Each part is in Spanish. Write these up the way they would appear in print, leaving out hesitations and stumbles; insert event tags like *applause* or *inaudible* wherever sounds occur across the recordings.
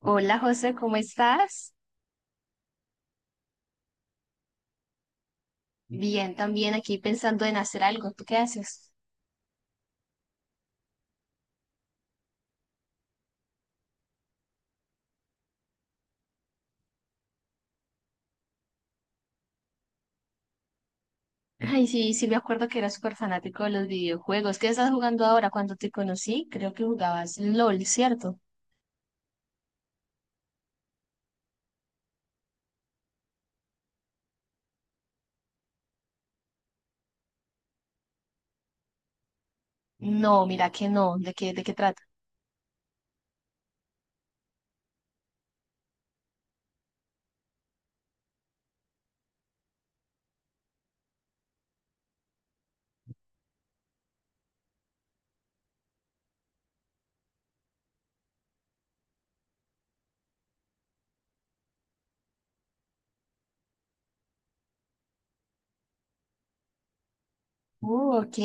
Hola José, ¿cómo estás? Bien, también aquí pensando en hacer algo. ¿Tú qué haces? Ay, sí, sí me acuerdo que eras súper fanático de los videojuegos. ¿Qué estás jugando ahora? Cuando te conocí, creo que jugabas LOL, ¿cierto? No, mira que no. De qué trata? Ok.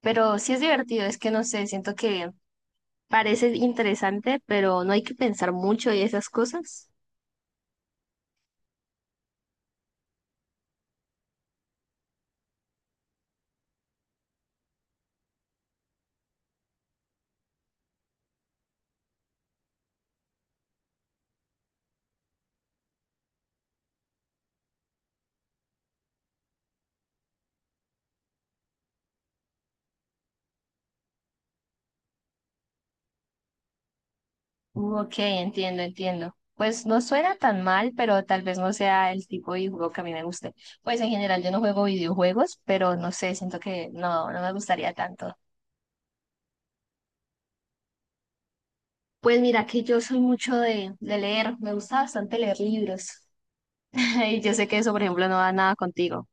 Pero sí es divertido, es que no sé, siento que parece interesante, pero no hay que pensar mucho y esas cosas. Ok, entiendo, entiendo. Pues no suena tan mal, pero tal vez no sea el tipo de juego que a mí me guste. Pues en general yo no juego videojuegos, pero no sé, siento que no, no me gustaría tanto. Pues mira que yo soy mucho de leer, me gusta bastante leer libros. *laughs* Y yo sé que eso, por ejemplo, no va nada contigo.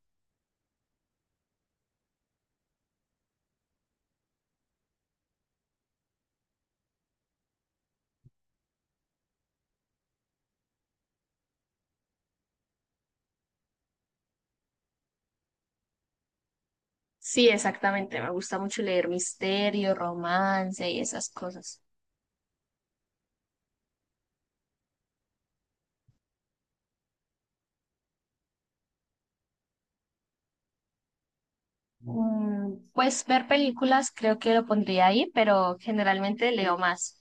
Sí, exactamente, me gusta mucho leer misterio, romance y esas cosas. Mm, pues ver películas creo que lo pondría ahí, pero generalmente leo más.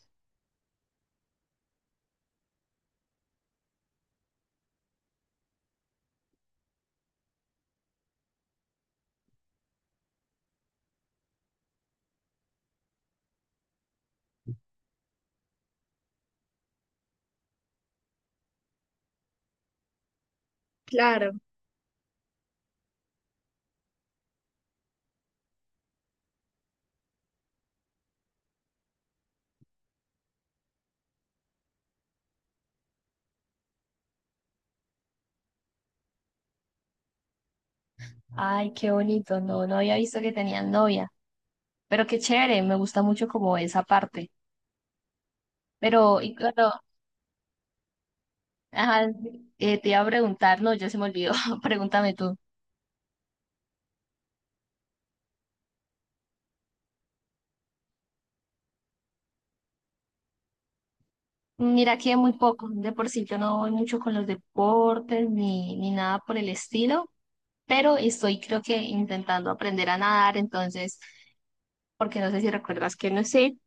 Claro. Ay, qué bonito. No, no había visto que tenían novia. Pero qué chévere, me gusta mucho como esa parte. Pero, y claro, ajá, te iba a preguntar, no, ya se me olvidó. *laughs* Pregúntame tú. Mira que muy poco, de por sí yo no voy mucho con los deportes ni, ni nada por el estilo, pero estoy creo que intentando aprender a nadar, entonces, porque no sé si recuerdas que no sé,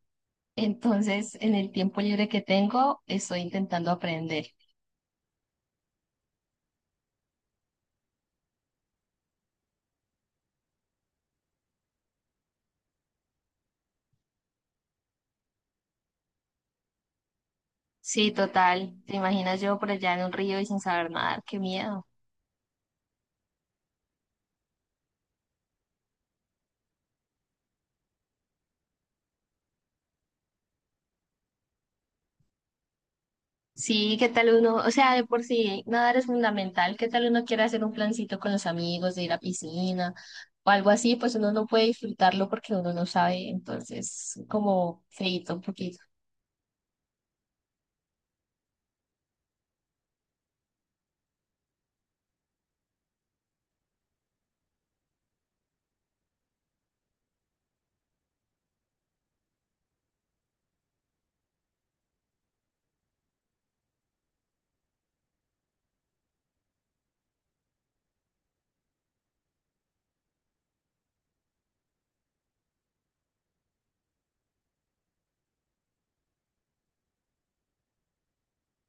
entonces en el tiempo libre que tengo estoy intentando aprender. Sí, total. ¿Te imaginas yo por allá en un río y sin saber nadar? Qué miedo. Sí, ¿qué tal uno? O sea, de por sí nadar es fundamental. ¿Qué tal uno quiere hacer un plancito con los amigos, de ir a piscina o algo así? Pues uno no puede disfrutarlo porque uno no sabe. Entonces, como feíto un poquito.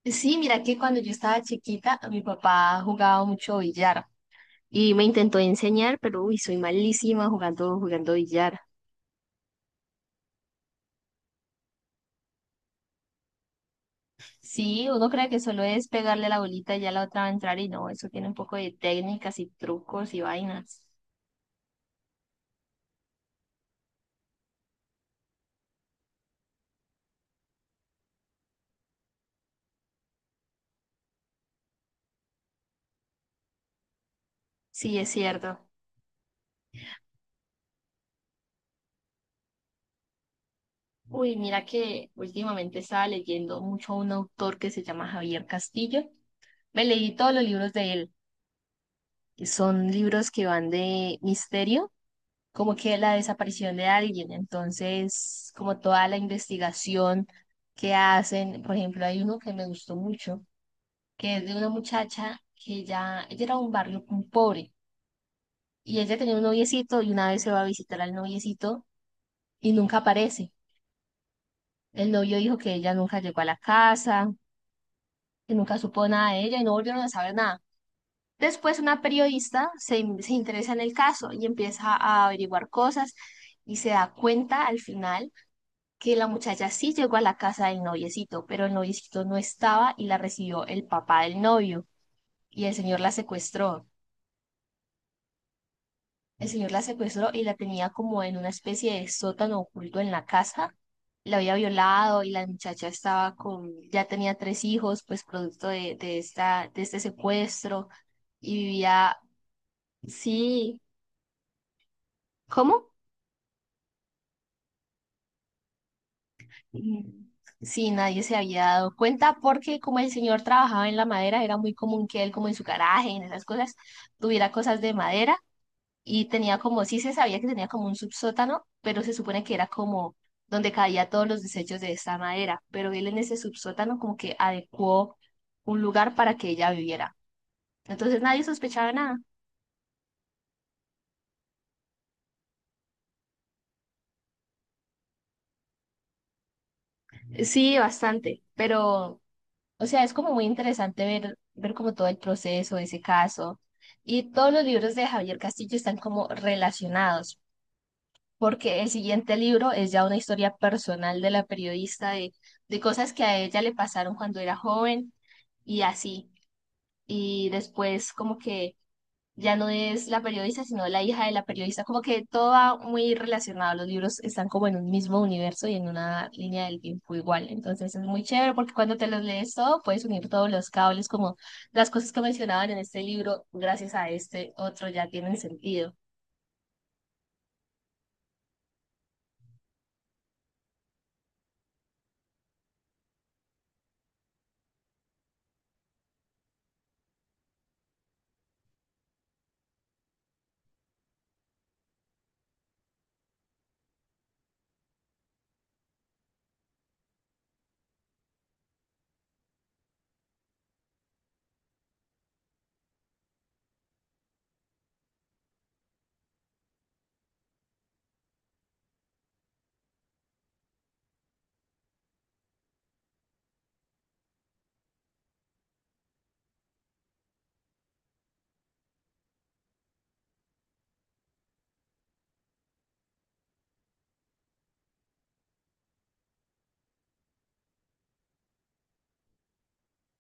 Sí, mira que cuando yo estaba chiquita, mi papá jugaba mucho billar y me intentó enseñar, pero uy, soy malísima jugando billar. Sí, uno cree que solo es pegarle la bolita y ya la otra va a entrar y no, eso tiene un poco de técnicas y trucos y vainas. Sí, es cierto. Uy, mira que últimamente estaba leyendo mucho a un autor que se llama Javier Castillo. Me leí todos los libros de él, que son libros que van de misterio, como que la desaparición de alguien, entonces como toda la investigación que hacen. Por ejemplo, hay uno que me gustó mucho, que es de una muchacha que ya, ella era de un barrio muy pobre. Y ella tenía un noviecito y una vez se va a visitar al noviecito y nunca aparece. El novio dijo que ella nunca llegó a la casa, que nunca supo nada de ella y no volvieron a saber nada. Después una periodista se, se interesa en el caso y empieza a averiguar cosas y se da cuenta al final que la muchacha sí llegó a la casa del noviecito, pero el noviecito no estaba y la recibió el papá del novio y el señor la secuestró. El señor la secuestró y la tenía como en una especie de sótano oculto en la casa. La había violado y la muchacha estaba con, ya tenía tres hijos, pues producto de esta, de este secuestro y vivía, sí, ¿cómo? Mm, sí, nadie se había dado cuenta porque como el señor trabajaba en la madera, era muy común que él, como en su garaje, en esas cosas, tuviera cosas de madera y tenía como, sí se sabía que tenía como un subsótano, pero se supone que era como donde caía todos los desechos de esta madera, pero él en ese subsótano como que adecuó un lugar para que ella viviera. Entonces nadie sospechaba nada. Sí, bastante, pero, o sea, es como muy interesante ver, ver como todo el proceso de ese caso. Y todos los libros de Javier Castillo están como relacionados, porque el siguiente libro es ya una historia personal de la periodista de cosas que a ella le pasaron cuando era joven y así. Y después como que ya no es la periodista, sino la hija de la periodista, como que todo va muy relacionado, los libros están como en un mismo universo y en una línea del tiempo igual, entonces es muy chévere porque cuando te los lees todo, puedes unir todos los cables, como las cosas que mencionaban en este libro, gracias a este otro ya tienen sentido.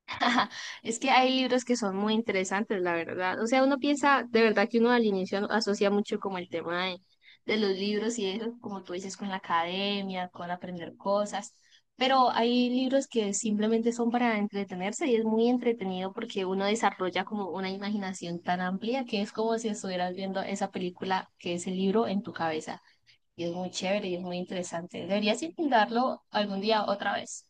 *laughs* Ajá, es que hay libros que son muy interesantes, la verdad. O sea, uno piensa, de verdad que uno al inicio asocia mucho como el tema de los libros y eso, como tú dices, con la academia, con aprender cosas. Pero hay libros que simplemente son para entretenerse y es muy entretenido porque uno desarrolla como una imaginación tan amplia que es como si estuvieras viendo esa película que es el libro en tu cabeza. Y es muy chévere y es muy interesante. Deberías intentarlo algún día otra vez.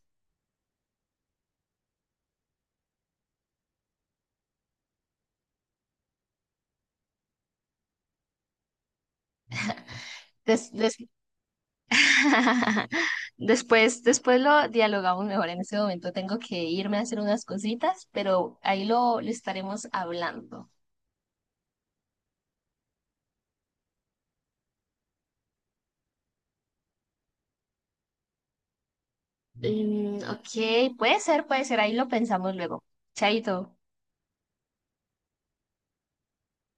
*laughs* Después, después lo dialogamos mejor. En este momento tengo que irme a hacer unas cositas, pero ahí lo estaremos hablando. Mm, ok, puede ser, puede ser. Ahí lo pensamos luego. Chaito.